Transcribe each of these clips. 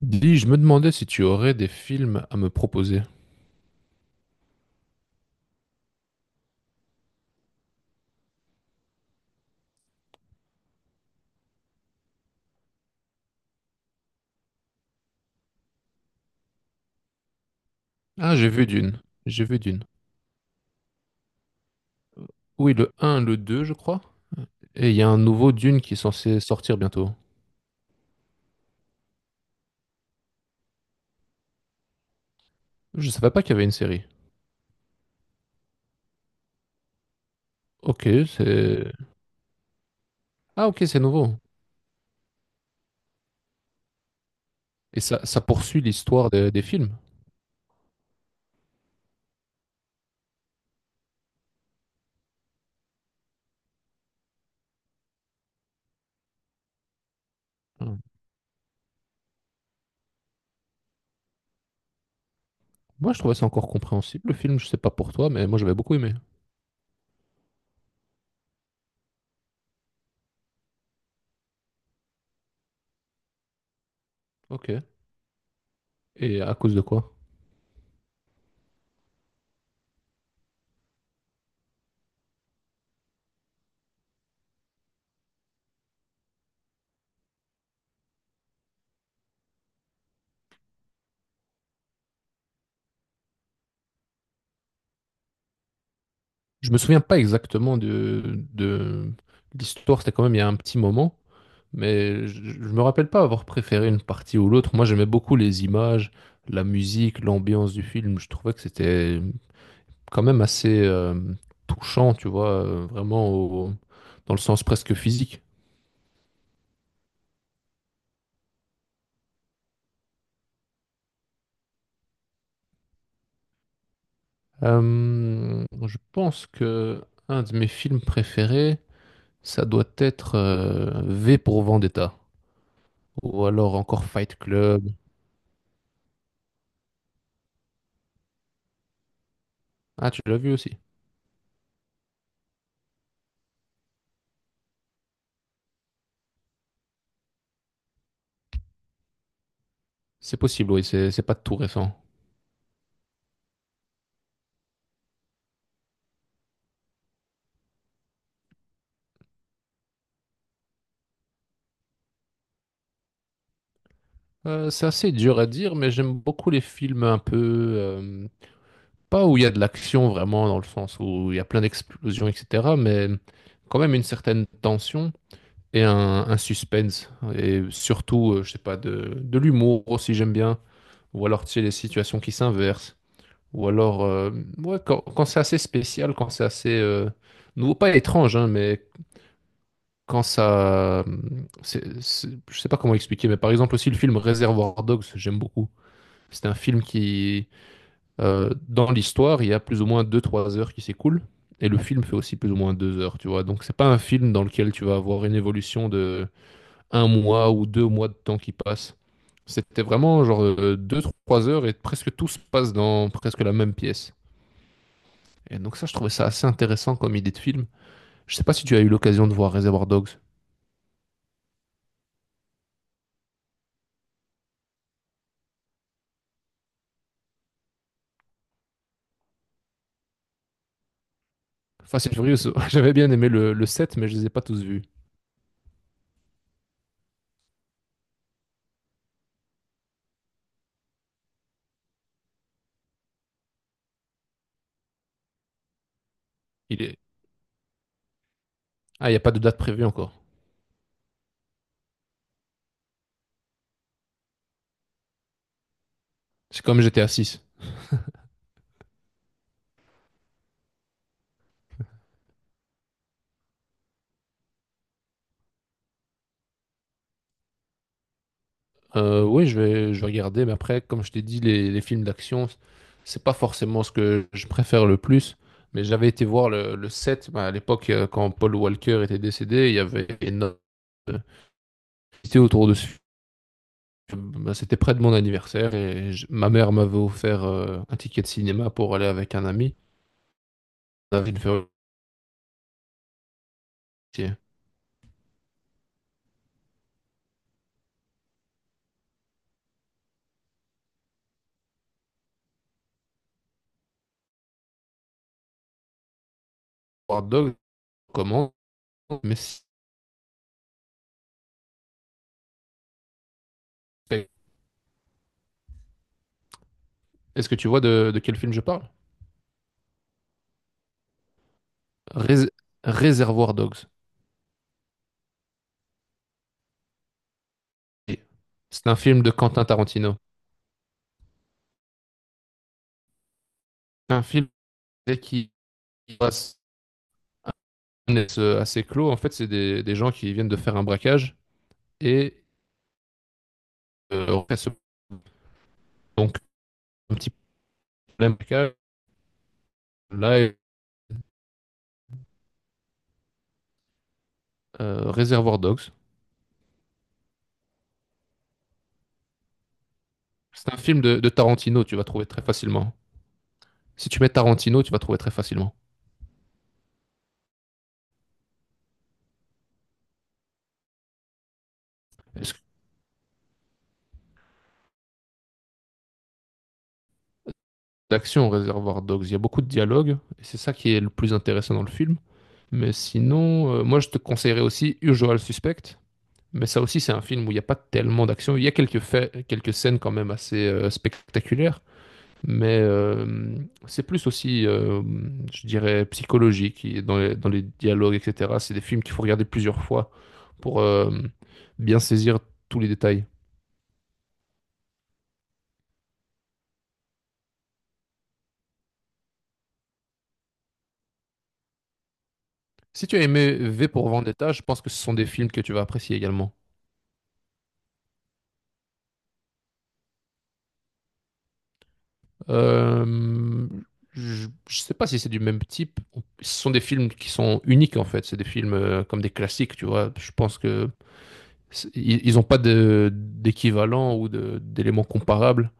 Dis, je me demandais si tu aurais des films à me proposer. Ah, j'ai vu Dune. J'ai vu Dune. Oui, le un, le 2, je crois. Et il y a un nouveau Dune qui est censé sortir bientôt. Je savais pas qu'il y avait une série. Ok, c'est... Ah, ok, c'est nouveau. Et ça poursuit l'histoire des films. Hmm. Moi, je trouvais ça encore compréhensible, le film. Je sais pas pour toi, mais moi, j'avais beaucoup aimé. Ok. Et à cause de quoi? Je me souviens pas exactement de... l'histoire. C'était quand même il y a un petit moment. Mais je me rappelle pas avoir préféré une partie ou l'autre. Moi, j'aimais beaucoup les images, la musique, l'ambiance du film. Je trouvais que c'était quand même assez touchant, tu vois, vraiment dans le sens presque physique. Je pense que un de mes films préférés, ça doit être V pour Vendetta, ou alors encore Fight Club. Ah, tu l'as vu aussi? C'est possible, oui, c'est pas tout récent. C'est assez dur à dire, mais j'aime beaucoup les films un peu euh, pas où il y a de l'action vraiment, dans le sens où il y a plein d'explosions, etc., mais quand même une certaine tension et un suspense. Et surtout, je sais pas, de l'humour aussi, j'aime bien. Ou alors, tu sais, les situations qui s'inversent. Ou alors, ouais, quand c'est assez spécial, quand c'est assez nouveau, pas étrange, hein, mais quand ça. Je sais pas comment expliquer, mais par exemple, aussi le film Réservoir Dogs, j'aime beaucoup. C'est un film qui dans l'histoire, il y a plus ou moins deux-trois heures qui s'écoulent. Et le film fait aussi plus ou moins 2 heures, tu vois. Donc c'est pas un film dans lequel tu vas avoir une évolution de un mois ou deux mois de temps qui passe. C'était vraiment genre deux-trois heures et presque tout se passe dans presque la même pièce. Et donc ça, je trouvais ça assez intéressant comme idée de film. Je sais pas si tu as eu l'occasion de voir Reservoir Dogs. Fast and Furious, j'avais bien aimé le 7, mais je les ai pas tous vus. Il est... Ah, il n'y a pas de date prévue encore. C'est comme GTA 6. Oui, je vais regarder, mais après, comme je t'ai dit, les films d'action, c'est pas forcément ce que je préfère le plus. Mais j'avais été voir le 7, bah, à l'époque, quand Paul Walker était décédé, il y avait énormément de publicité autour de ce film. Bah, c'était près de mon anniversaire et ma mère m'avait offert un ticket de cinéma pour aller avec un ami. On avait une faire War Dog, comment Mais si- est-ce que tu vois de quel film je parle? Rés- Réservoir Dogs. C'est un film de Quentin Tarantino. C'est un film dès qu'ils passent assez clos, en fait, c'est des gens qui viennent de faire un braquage et euh, donc un petit problème braquage. Là, Reservoir Dogs. C'est un film de Tarantino, tu vas trouver très facilement. Si tu mets Tarantino, tu vas trouver très facilement. Est-ce que d'action Reservoir Dogs, il y a beaucoup de dialogues et c'est ça qui est le plus intéressant dans le film. Mais sinon, moi je te conseillerais aussi Usual Suspect. Mais ça aussi, c'est un film où il n'y a pas tellement d'action. Il y a quelques faits, quelques scènes quand même assez spectaculaires. Mais c'est plus aussi, je dirais, psychologique et dans les dialogues, etc. C'est des films qu'il faut regarder plusieurs fois pour bien saisir tous les détails. Si tu as aimé V pour Vendetta, je pense que ce sont des films que tu vas apprécier également. Euh, je sais pas si c'est du même type. Ce sont des films qui sont uniques en fait. C'est des films comme des classiques, tu vois. Je pense que ils n'ont pas d'équivalent ou d'éléments comparables.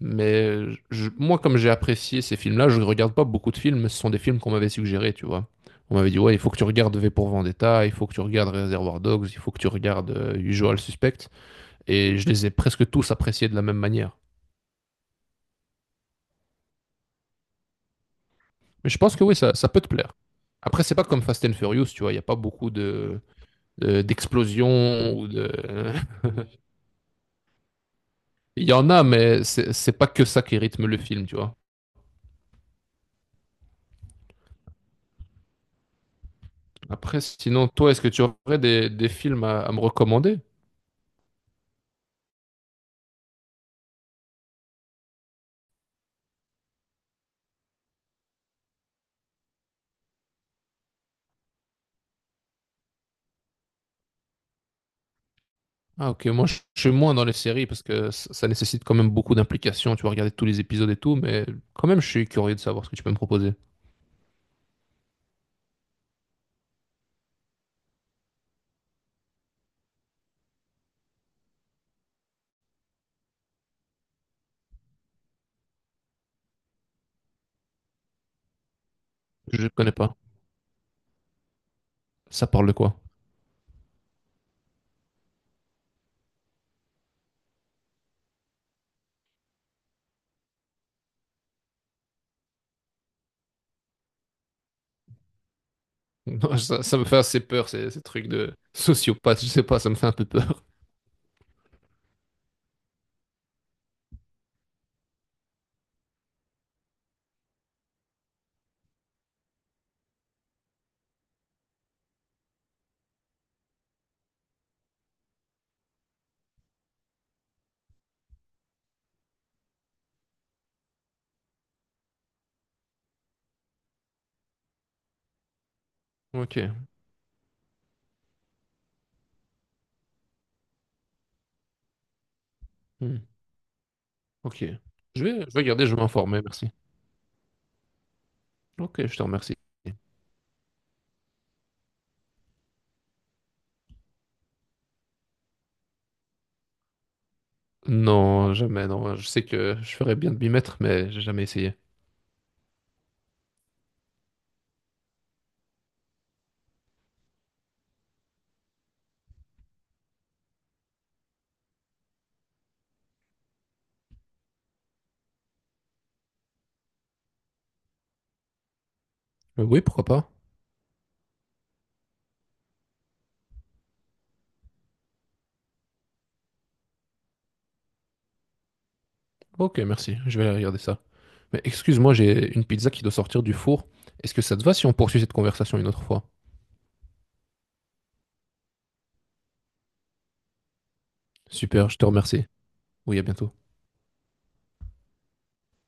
Mais moi, comme j'ai apprécié ces films-là, je ne regarde pas beaucoup de films. Ce sont des films qu'on m'avait suggérés, tu vois. On m'avait dit, ouais, il faut que tu regardes V pour Vendetta, il faut que tu regardes Reservoir Dogs, il faut que tu regardes Usual Suspect. Et je les ai presque tous appréciés de la même manière. Mais je pense que oui, ça peut te plaire. Après, c'est pas comme Fast and Furious, tu vois. Il n'y a pas beaucoup de, d'explosions ou de... Il y en a, mais c'est pas que ça qui rythme le film, tu vois. Après, sinon, toi, est-ce que tu aurais des films à me recommander? Ah ok, moi je suis moins dans les séries parce que ça nécessite quand même beaucoup d'implication, tu vas regarder tous les épisodes et tout, mais quand même je suis curieux de savoir ce que tu peux me proposer. Je connais pas. Ça parle de quoi? Non, ça me fait assez peur, ces trucs de sociopathe, je sais pas, ça me fait un peu peur. Ok. Hmm. Ok. Je vais regarder, je vais m'informer, merci. Ok, je te remercie. Non, jamais, non, je sais que je ferais bien de m'y mettre, mais j'ai jamais essayé. Oui, pourquoi pas? Ok, merci, je vais aller regarder ça. Mais excuse-moi, j'ai une pizza qui doit sortir du four. Est-ce que ça te va si on poursuit cette conversation une autre fois? Super, je te remercie. Oui, à bientôt.